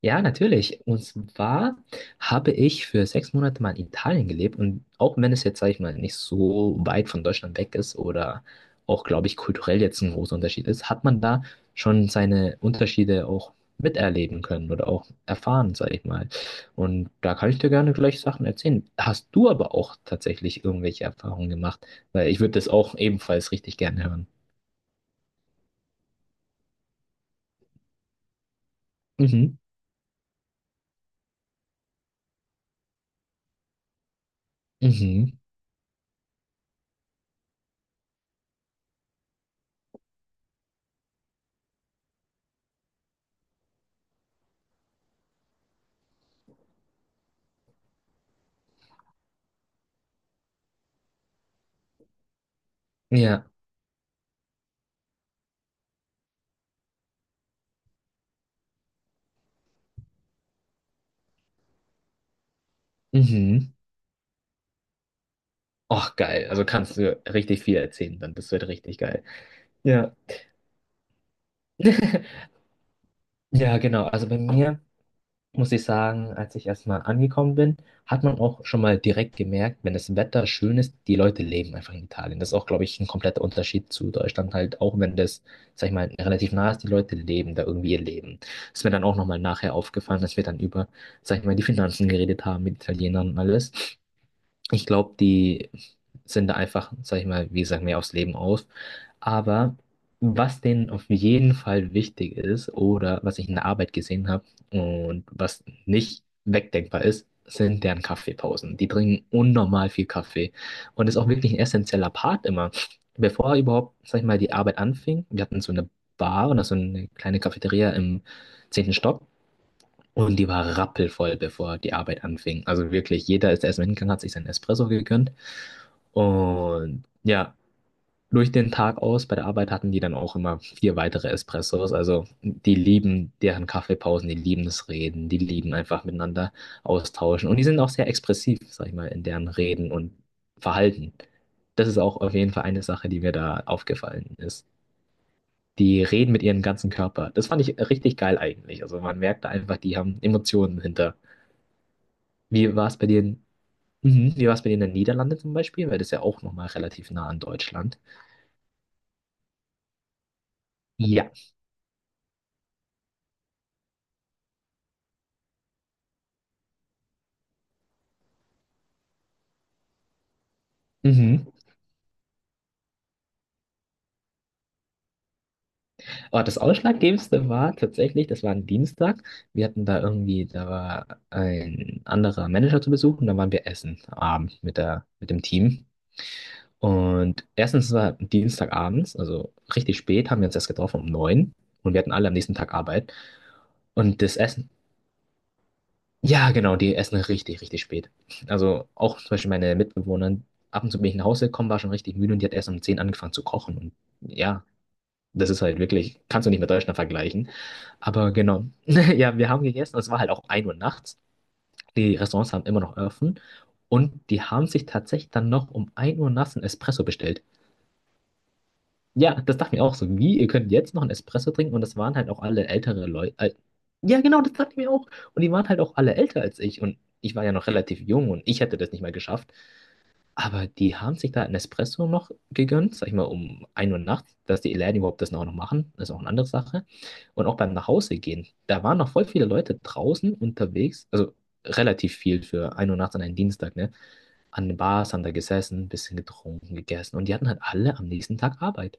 Ja, natürlich. Und zwar habe ich für 6 Monate mal in Italien gelebt, und auch wenn es jetzt, sag ich mal, nicht so weit von Deutschland weg ist oder auch, glaube ich, kulturell jetzt ein großer Unterschied ist, hat man da schon seine Unterschiede auch miterleben können oder auch erfahren, sag ich mal. Und da kann ich dir gerne gleich Sachen erzählen. Hast du aber auch tatsächlich irgendwelche Erfahrungen gemacht? Weil ich würde das auch ebenfalls richtig gerne hören. Mhm. Mhm. Ja. Mhm. Och, geil. Also kannst du richtig viel erzählen dann. Das wird richtig geil. Ja. Ja, genau. Also bei mir muss ich sagen, als ich erstmal angekommen bin, hat man auch schon mal direkt gemerkt, wenn das Wetter schön ist, die Leute leben einfach in Italien. Das ist auch, glaube ich, ein kompletter Unterschied zu Deutschland halt, auch wenn das, sag ich mal, relativ nah ist, die Leute leben da irgendwie ihr Leben. Das ist mir dann auch nochmal nachher aufgefallen, dass wir dann über, sag ich mal, die Finanzen geredet haben mit Italienern und alles. Ich glaube, die sind da einfach, sag ich mal, wie gesagt, mehr aufs Leben aus. Aber was denen auf jeden Fall wichtig ist oder was ich in der Arbeit gesehen habe und was nicht wegdenkbar ist, sind deren Kaffeepausen. Die trinken unnormal viel Kaffee und ist auch wirklich ein essentieller Part immer. Bevor überhaupt, sag ich mal, die Arbeit anfing, wir hatten so eine Bar oder so eine kleine Cafeteria im 10. Stock. Und die war rappelvoll, bevor die Arbeit anfing. Also wirklich, jeder ist erstmal hingegangen, hat sich seinen Espresso gegönnt. Und ja, durch den Tag aus bei der Arbeit hatten die dann auch immer vier weitere Espressos. Also die lieben deren Kaffeepausen, die lieben das Reden, die lieben einfach miteinander austauschen. Und die sind auch sehr expressiv, sag ich mal, in deren Reden und Verhalten. Das ist auch auf jeden Fall eine Sache, die mir da aufgefallen ist. Die reden mit ihrem ganzen Körper. Das fand ich richtig geil eigentlich. Also man merkt da einfach, die haben Emotionen hinter. Wie war es bei dir in, mhm. Wie war es bei dir in den Niederlanden zum Beispiel? Weil das ist ja auch nochmal relativ nah an Deutschland. Ja. Mhm. Aber das Ausschlaggebendste war tatsächlich, das war ein Dienstag. Wir hatten da irgendwie, da war ein anderer Manager zu Besuch und dann waren wir essen abend mit der, mit dem Team. Und erstens war Dienstagabends, also richtig spät, haben wir uns erst getroffen um 9, und wir hatten alle am nächsten Tag Arbeit. Und das Essen. Ja, genau, die essen richtig, richtig spät. Also auch zum Beispiel meine Mitbewohner, ab und zu bin ich nach Hause gekommen, war schon richtig müde und die hat erst um 10 angefangen zu kochen. Und ja, das ist halt wirklich, kannst du nicht mit Deutschland vergleichen. Aber genau, ja, wir haben gegessen, es war halt auch 1 Uhr nachts. Die Restaurants haben immer noch offen, und die haben sich tatsächlich dann noch um 1 Uhr nachts einen Espresso bestellt. Ja, das dachte ich mir auch so. Wie, ihr könnt jetzt noch einen Espresso trinken? Und das waren halt auch alle ältere Leute. Ja, genau, das dachte ich mir auch. Und die waren halt auch alle älter als ich. Und ich war ja noch relativ jung und ich hätte das nicht mehr geschafft. Aber die haben sich da einen Espresso noch gegönnt, sag ich mal, um 1 Uhr nachts, dass die Läden überhaupt das noch machen. Das ist auch eine andere Sache. Und auch beim Nachhausegehen, da waren noch voll viele Leute draußen unterwegs. Also relativ viel für 1 Uhr nachts an einem Dienstag, ne? An den Bars haben da gesessen, ein bisschen getrunken, gegessen. Und die hatten halt alle am nächsten Tag Arbeit.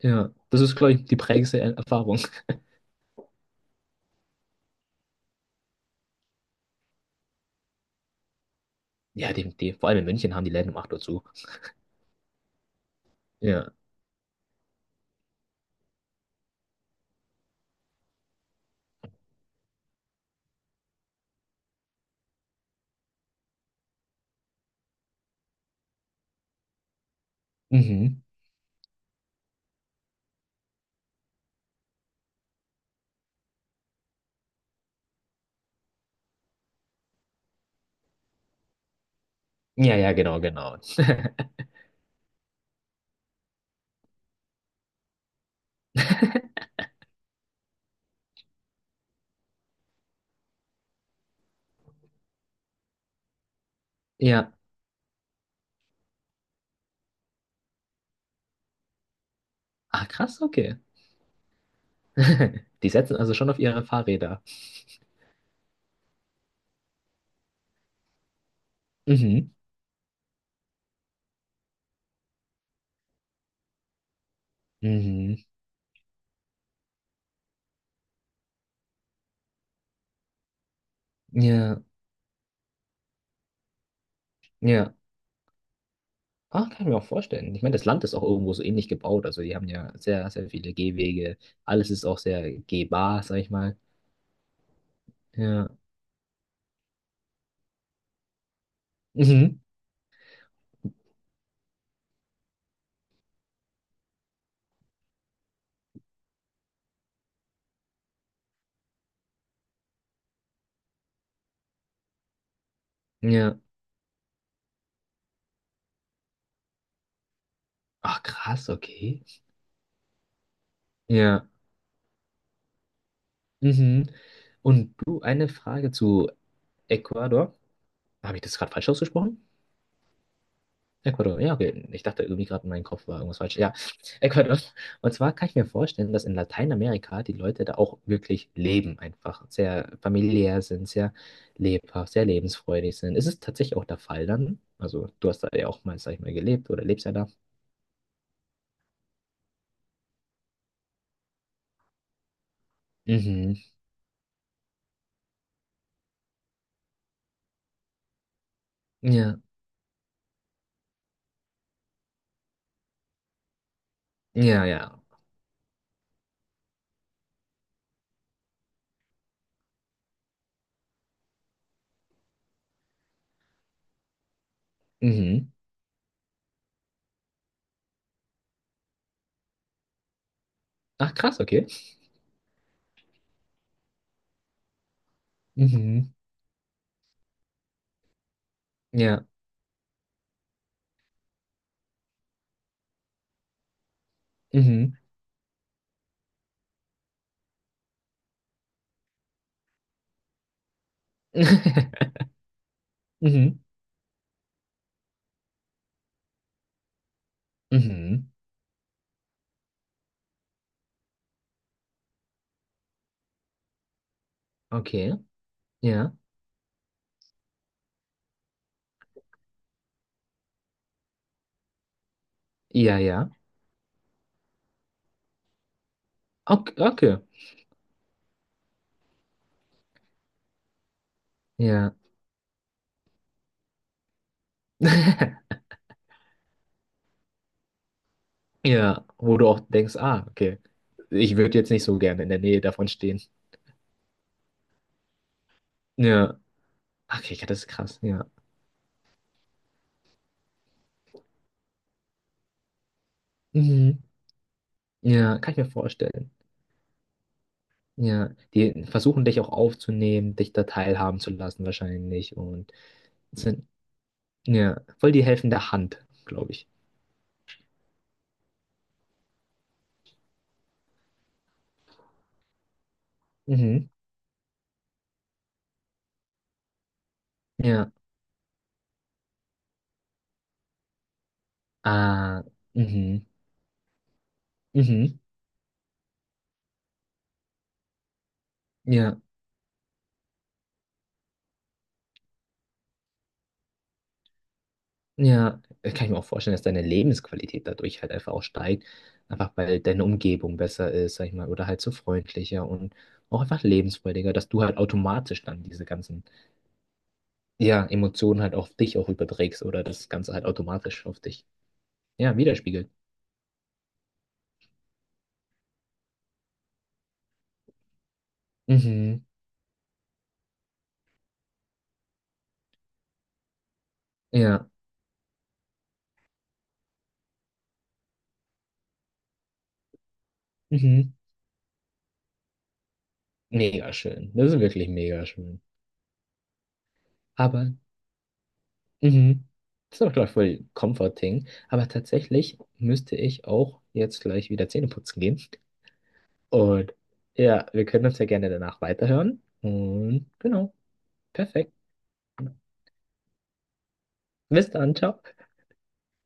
Ja, das ist, glaube ich, die prägendste Erfahrung. Ja, die, vor allem in München haben die Läden um 8 Uhr zu. Ja. Mhm. Ja, ja, genau, genau. Ja. Ah, krass, okay. Die setzen also schon auf ihre Fahrräder. Mhm. Mhm. Ja, ja. Ah, kann ich mir auch vorstellen. Ich meine, das Land ist auch irgendwo so ähnlich gebaut. Also, die haben ja sehr, sehr viele Gehwege. Alles ist auch sehr gehbar, sag ich mal. Ja. Mhm. Ja. Ach, krass, okay. Ja. Mhm. Und du, eine Frage zu Ecuador. Habe ich das gerade falsch ausgesprochen? Ecuador, ja, okay. Ich dachte irgendwie gerade, in meinem Kopf war irgendwas falsch. Ja, Ecuador. Und zwar kann ich mir vorstellen, dass in Lateinamerika die Leute da auch wirklich leben, einfach sehr familiär sind, sehr lebhaft, sehr lebensfreudig sind. Ist es tatsächlich auch der Fall dann? Also, du hast da ja auch mal, sag ich mal, gelebt oder lebst ja da. Mhm. Ja, ja, ja. Mhm. Ach, krass, okay. Mhm. Ja. Mhm. Mhm. Mhm. Okay. Ja. Ja, ja. Okay, okay. Ja. Ja, wo du auch denkst, ah, okay, ich würde jetzt nicht so gerne in der Nähe davon stehen. Ja, okay, ja, das ist krass, ja. Mhm. Ja, kann ich mir vorstellen. Ja, die versuchen dich auch aufzunehmen, dich da teilhaben zu lassen wahrscheinlich, und sind, ja, voll die helfende Hand, glaube ich. Mhm. Ja, ah, mhm, mhm, ja. Ja, das kann ich mir auch vorstellen, dass deine Lebensqualität dadurch halt einfach auch steigt, einfach weil deine Umgebung besser ist, sag ich mal, oder halt so freundlicher und auch einfach lebensfreudiger, dass du halt automatisch dann diese ganzen, ja, Emotionen halt auf dich auch überträgst oder das Ganze halt automatisch auf dich, ja, widerspiegelt. Mhm, ja, mhm, mega schön. Das ist wirklich mega schön. Aber, mhm, das ist auch, glaube ich, voll comforting, aber tatsächlich müsste ich auch jetzt gleich wieder Zähne putzen gehen. Und ja, wir können uns ja gerne danach weiterhören. Und genau, perfekt. Bis dann, ciao.